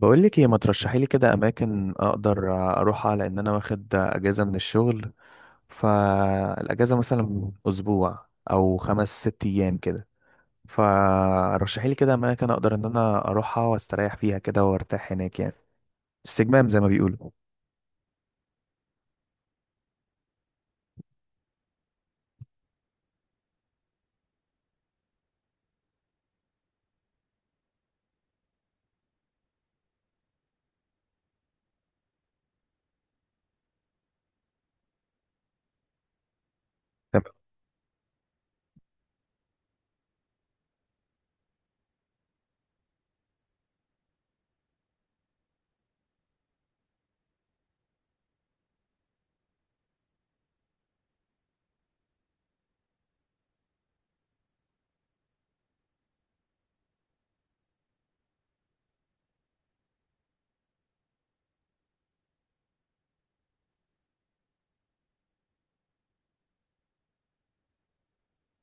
بقول لك ايه؟ ما ترشحي لي كده اماكن اقدر اروحها، لان انا واخد اجازه من الشغل. فالاجازه مثلا اسبوع او خمس ست ايام كده. فرشحي لي كده اماكن اقدر ان انا اروحها واستريح فيها كده وارتاح هناك، يعني استجمام زي ما بيقولوا. طب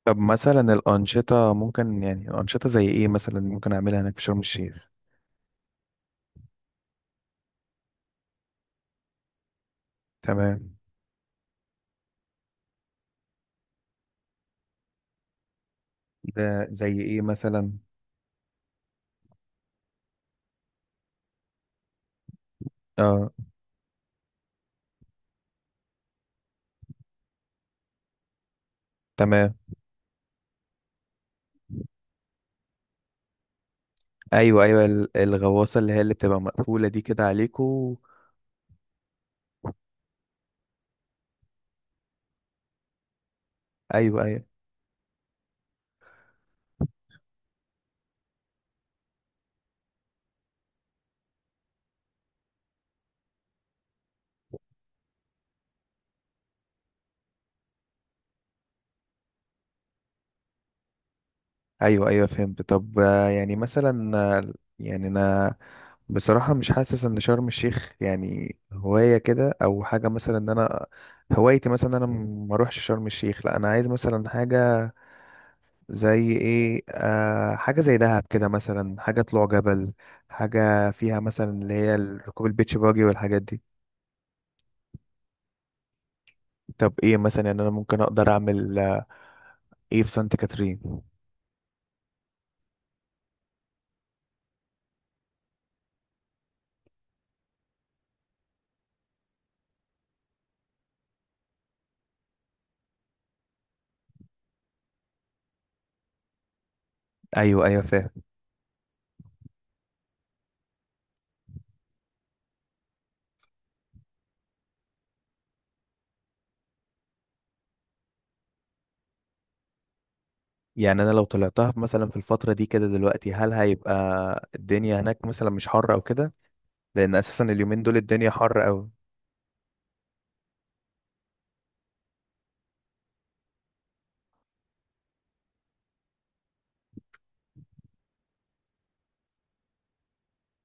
طب مثلا الانشطه ممكن، يعني انشطه زي ايه مثلا ممكن اعملها هناك في شرم الشيخ؟ تمام. ده زي ايه مثلا؟ اه تمام. ايوه ايوه، الغواصه اللي هي اللي بتبقى مقفوله دي كده عليكو. ايوه ايوه. ايوه ايوه فهمت. طب يعني مثلا، يعني انا بصراحة مش حاسس ان شرم الشيخ يعني هواية كده او حاجة، مثلا ان انا هوايتي مثلا إن انا ما اروحش شرم الشيخ. لا، انا عايز مثلا حاجة زي ايه؟ آه، حاجة زي دهب كده مثلا، حاجة طلوع جبل، حاجة فيها مثلا اللي هي ركوب البيتش باجي والحاجات دي. طب ايه مثلا؟ يعني انا ممكن اقدر اعمل، ايه في سانت كاترين؟ ايوه ايوه فاهم. يعني انا لو طلعتها مثلا في الفتره دي كده دلوقتي، هل هيبقى الدنيا هناك مثلا مش حر او كده؟ لان اساسا اليومين دول الدنيا حر قوي.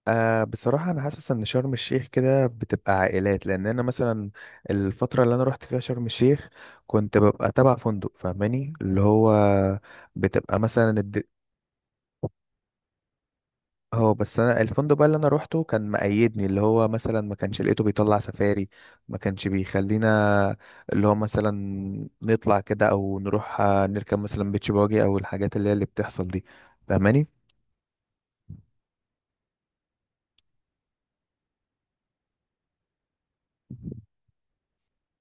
آه بصراحه انا حاسس ان شرم الشيخ كده بتبقى عائلات، لان انا مثلا الفتره اللي انا رحت فيها شرم الشيخ كنت ببقى تبع فندق، فاهماني؟ اللي هو بتبقى مثلا اه بس انا الفندق بقى اللي انا روحته كان مقيدني، اللي هو مثلا ما كانش لقيته بيطلع سفاري، ما كانش بيخلينا اللي هو مثلا نطلع كده او نروح، نركب مثلا بيتش باجي او الحاجات اللي هي اللي بتحصل دي، فاهماني؟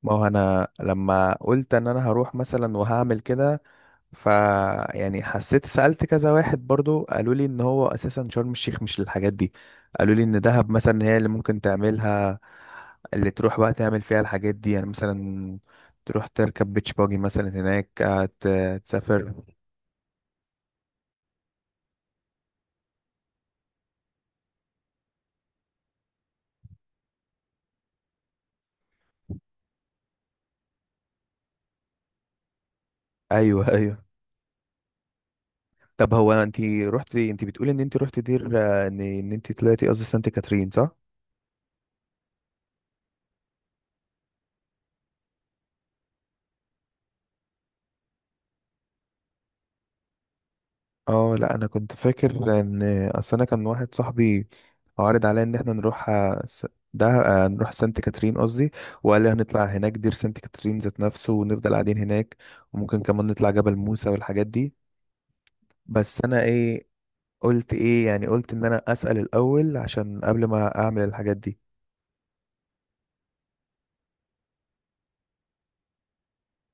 ما هو انا لما قلت ان انا هروح مثلا وهعمل كده، ف يعني حسيت، سألت كذا واحد برضو قالوا لي ان هو اساسا شرم الشيخ مش للحاجات دي، قالوا لي ان دهب مثلا هي اللي ممكن تعملها، اللي تروح بقى تعمل فيها الحاجات دي يعني مثلا، تروح تركب بيتش باجي مثلا هناك، تسافر. ايوه ايوه. طب هو انت رحتي، انت بتقولي ان انت رحتي دير، ان انت طلعتي، قصدي سانت كاترين، صح؟ اه لا، انا كنت فاكر ان اصل انا كان واحد صاحبي عارض عليا ان احنا نروح، آه، س- ده نروح سانت كاترين قصدي، وقال لي هنطلع هناك دير سانت كاترين ذات نفسه ونفضل قاعدين هناك، وممكن كمان نطلع جبل موسى والحاجات دي. بس انا ايه قلت ايه؟ يعني قلت ان انا اسأل الاول عشان قبل ما اعمل الحاجات دي.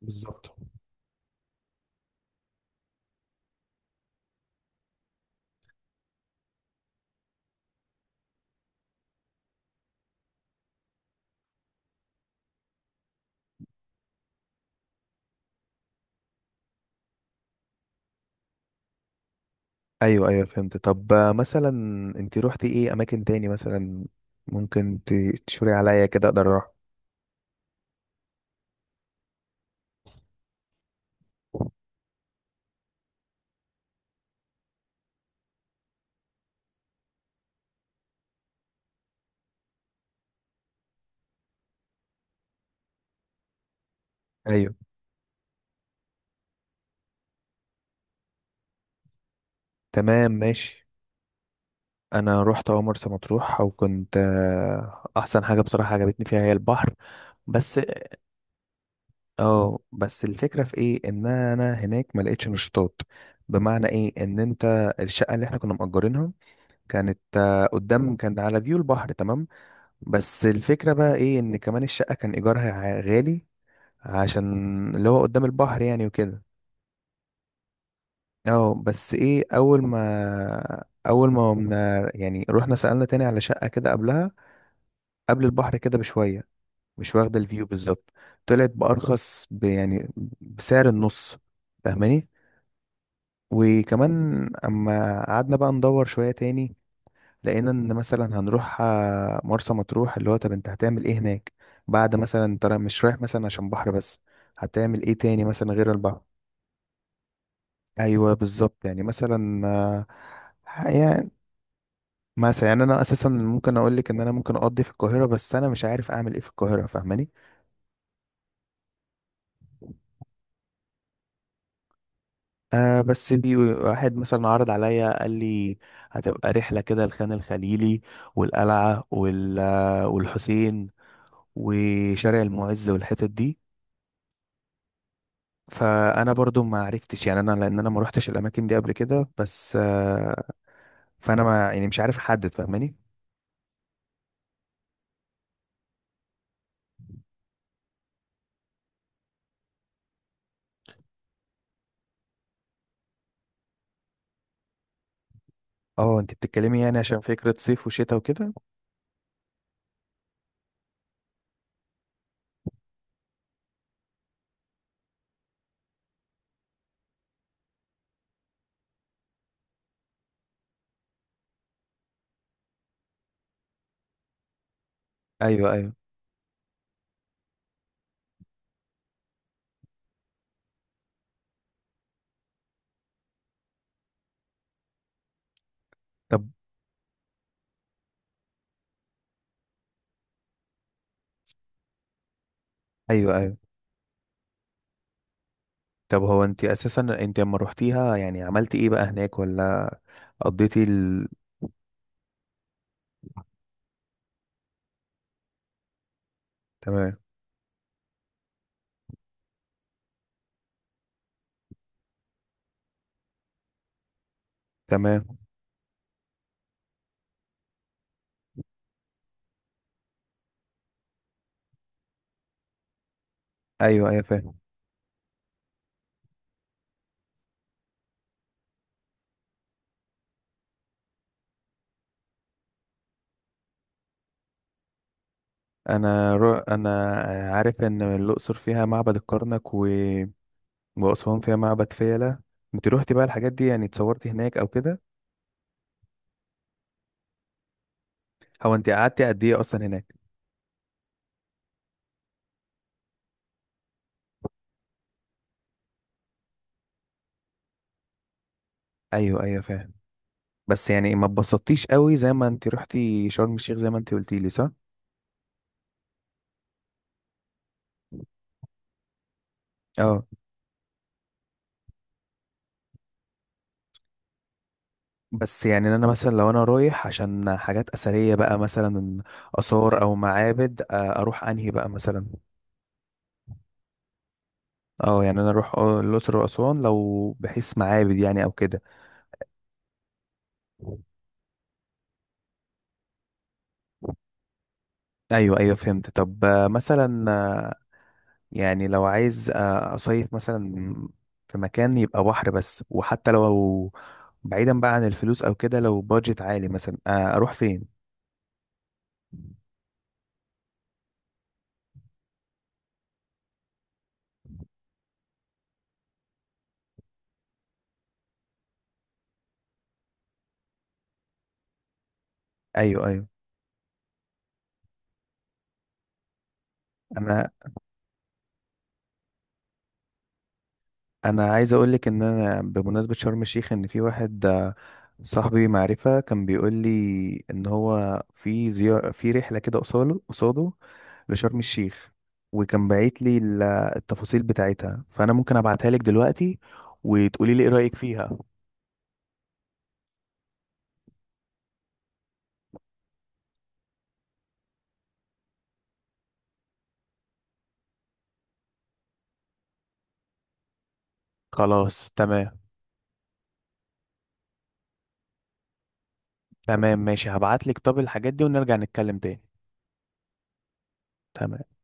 بالظبط. ايوه ايوه فهمت. طب مثلا انت روحتي ايه اماكن تاني مثلا ممكن تشوري عليا كده اقدر اروح؟ ايوه تمام ماشي. انا رحت اول مرسى مطروح، وكنت احسن حاجه بصراحه عجبتني فيها هي البحر بس. اه بس الفكره في ايه؟ ان انا هناك ما لقيتش نشاطات. بمعنى ايه ان انت الشقه اللي احنا كنا مأجرينها كانت قدام، كان على فيو البحر، تمام. بس الفكرة بقى ايه؟ ان كمان الشقة كان ايجارها غالي، عشان اللي هو قدام البحر يعني وكده. اه بس ايه، اول ما قمنا يعني رحنا سألنا تاني على شقة كده قبلها، قبل البحر كده بشوية، مش واخدة الفيو بالظبط، طلعت بأرخص، يعني بسعر النص، فاهماني؟ وكمان اما قعدنا بقى ندور شوية تاني، لقينا ان مثلا هنروح، مرسى مطروح اللي هو طب انت هتعمل ايه هناك بعد مثلا انت مش رايح مثلا عشان بحر بس، هتعمل ايه تاني مثلا غير البحر؟ ايوه بالظبط. يعني مثلا يعني مثلا، يعني انا اساسا ممكن اقول لك ان انا ممكن اقضي في القاهره، بس انا مش عارف اعمل ايه في القاهره، فاهماني؟ آه بس في واحد مثلا عرض عليا، قال لي هتبقى رحله كده الخان الخليلي والقلعه والحسين وشارع المعز والحتت دي. فانا برضو ما عرفتش يعني انا، لان انا ما روحتش الاماكن دي قبل كده، بس فانا ما يعني مش عارف احدد، فاهماني؟ اه انت بتتكلمي يعني عشان فكرة صيف وشتاء وكده. ايوه ايوه. طب ايوه ايوه. طب هو انت اساسا انت لما روحتيها يعني عملتي ايه بقى هناك، ولا قضيتي تمام. تمام. ايوه ايوه فاهم. انا عارف ان الاقصر فيها معبد الكرنك واسوان فيها معبد فيلة. انت روحتي بقى الحاجات دي؟ يعني اتصورتي هناك او كده؟ هو انت قعدتي قد ايه اصلا هناك؟ ايوه ايوه فاهم. بس يعني ما اتبسطتيش قوي زي ما انت رحتي شرم الشيخ زي ما انت قلتي لي، صح؟ اه بس يعني انا مثلا لو انا رايح عشان حاجات اثريه بقى مثلا، اثار او معابد، اروح انهي بقى مثلا؟ اه يعني انا اروح الاقصر واسوان لو بحيث معابد يعني او كده. ايوه ايوه فهمت. طب آه، مثلا آه، يعني لو عايز اصيف مثلا في مكان يبقى بحر بس، وحتى لو بعيدا بقى عن الفلوس او كده، لو بادجت عالي مثلا، اروح فين؟ ايوه ايوه. انا انا عايز اقول لك ان انا بمناسبه شرم الشيخ، ان في واحد صاحبي معرفه كان بيقول لي ان هو في زيارة، في رحله كده قصاده لشرم الشيخ، وكان باعت لي التفاصيل بتاعتها، فانا ممكن ابعتها لك دلوقتي وتقولي لي ايه رايك فيها. خلاص تمام. تمام ماشي، هبعت لك طب الحاجات دي ونرجع نتكلم تاني. تمام.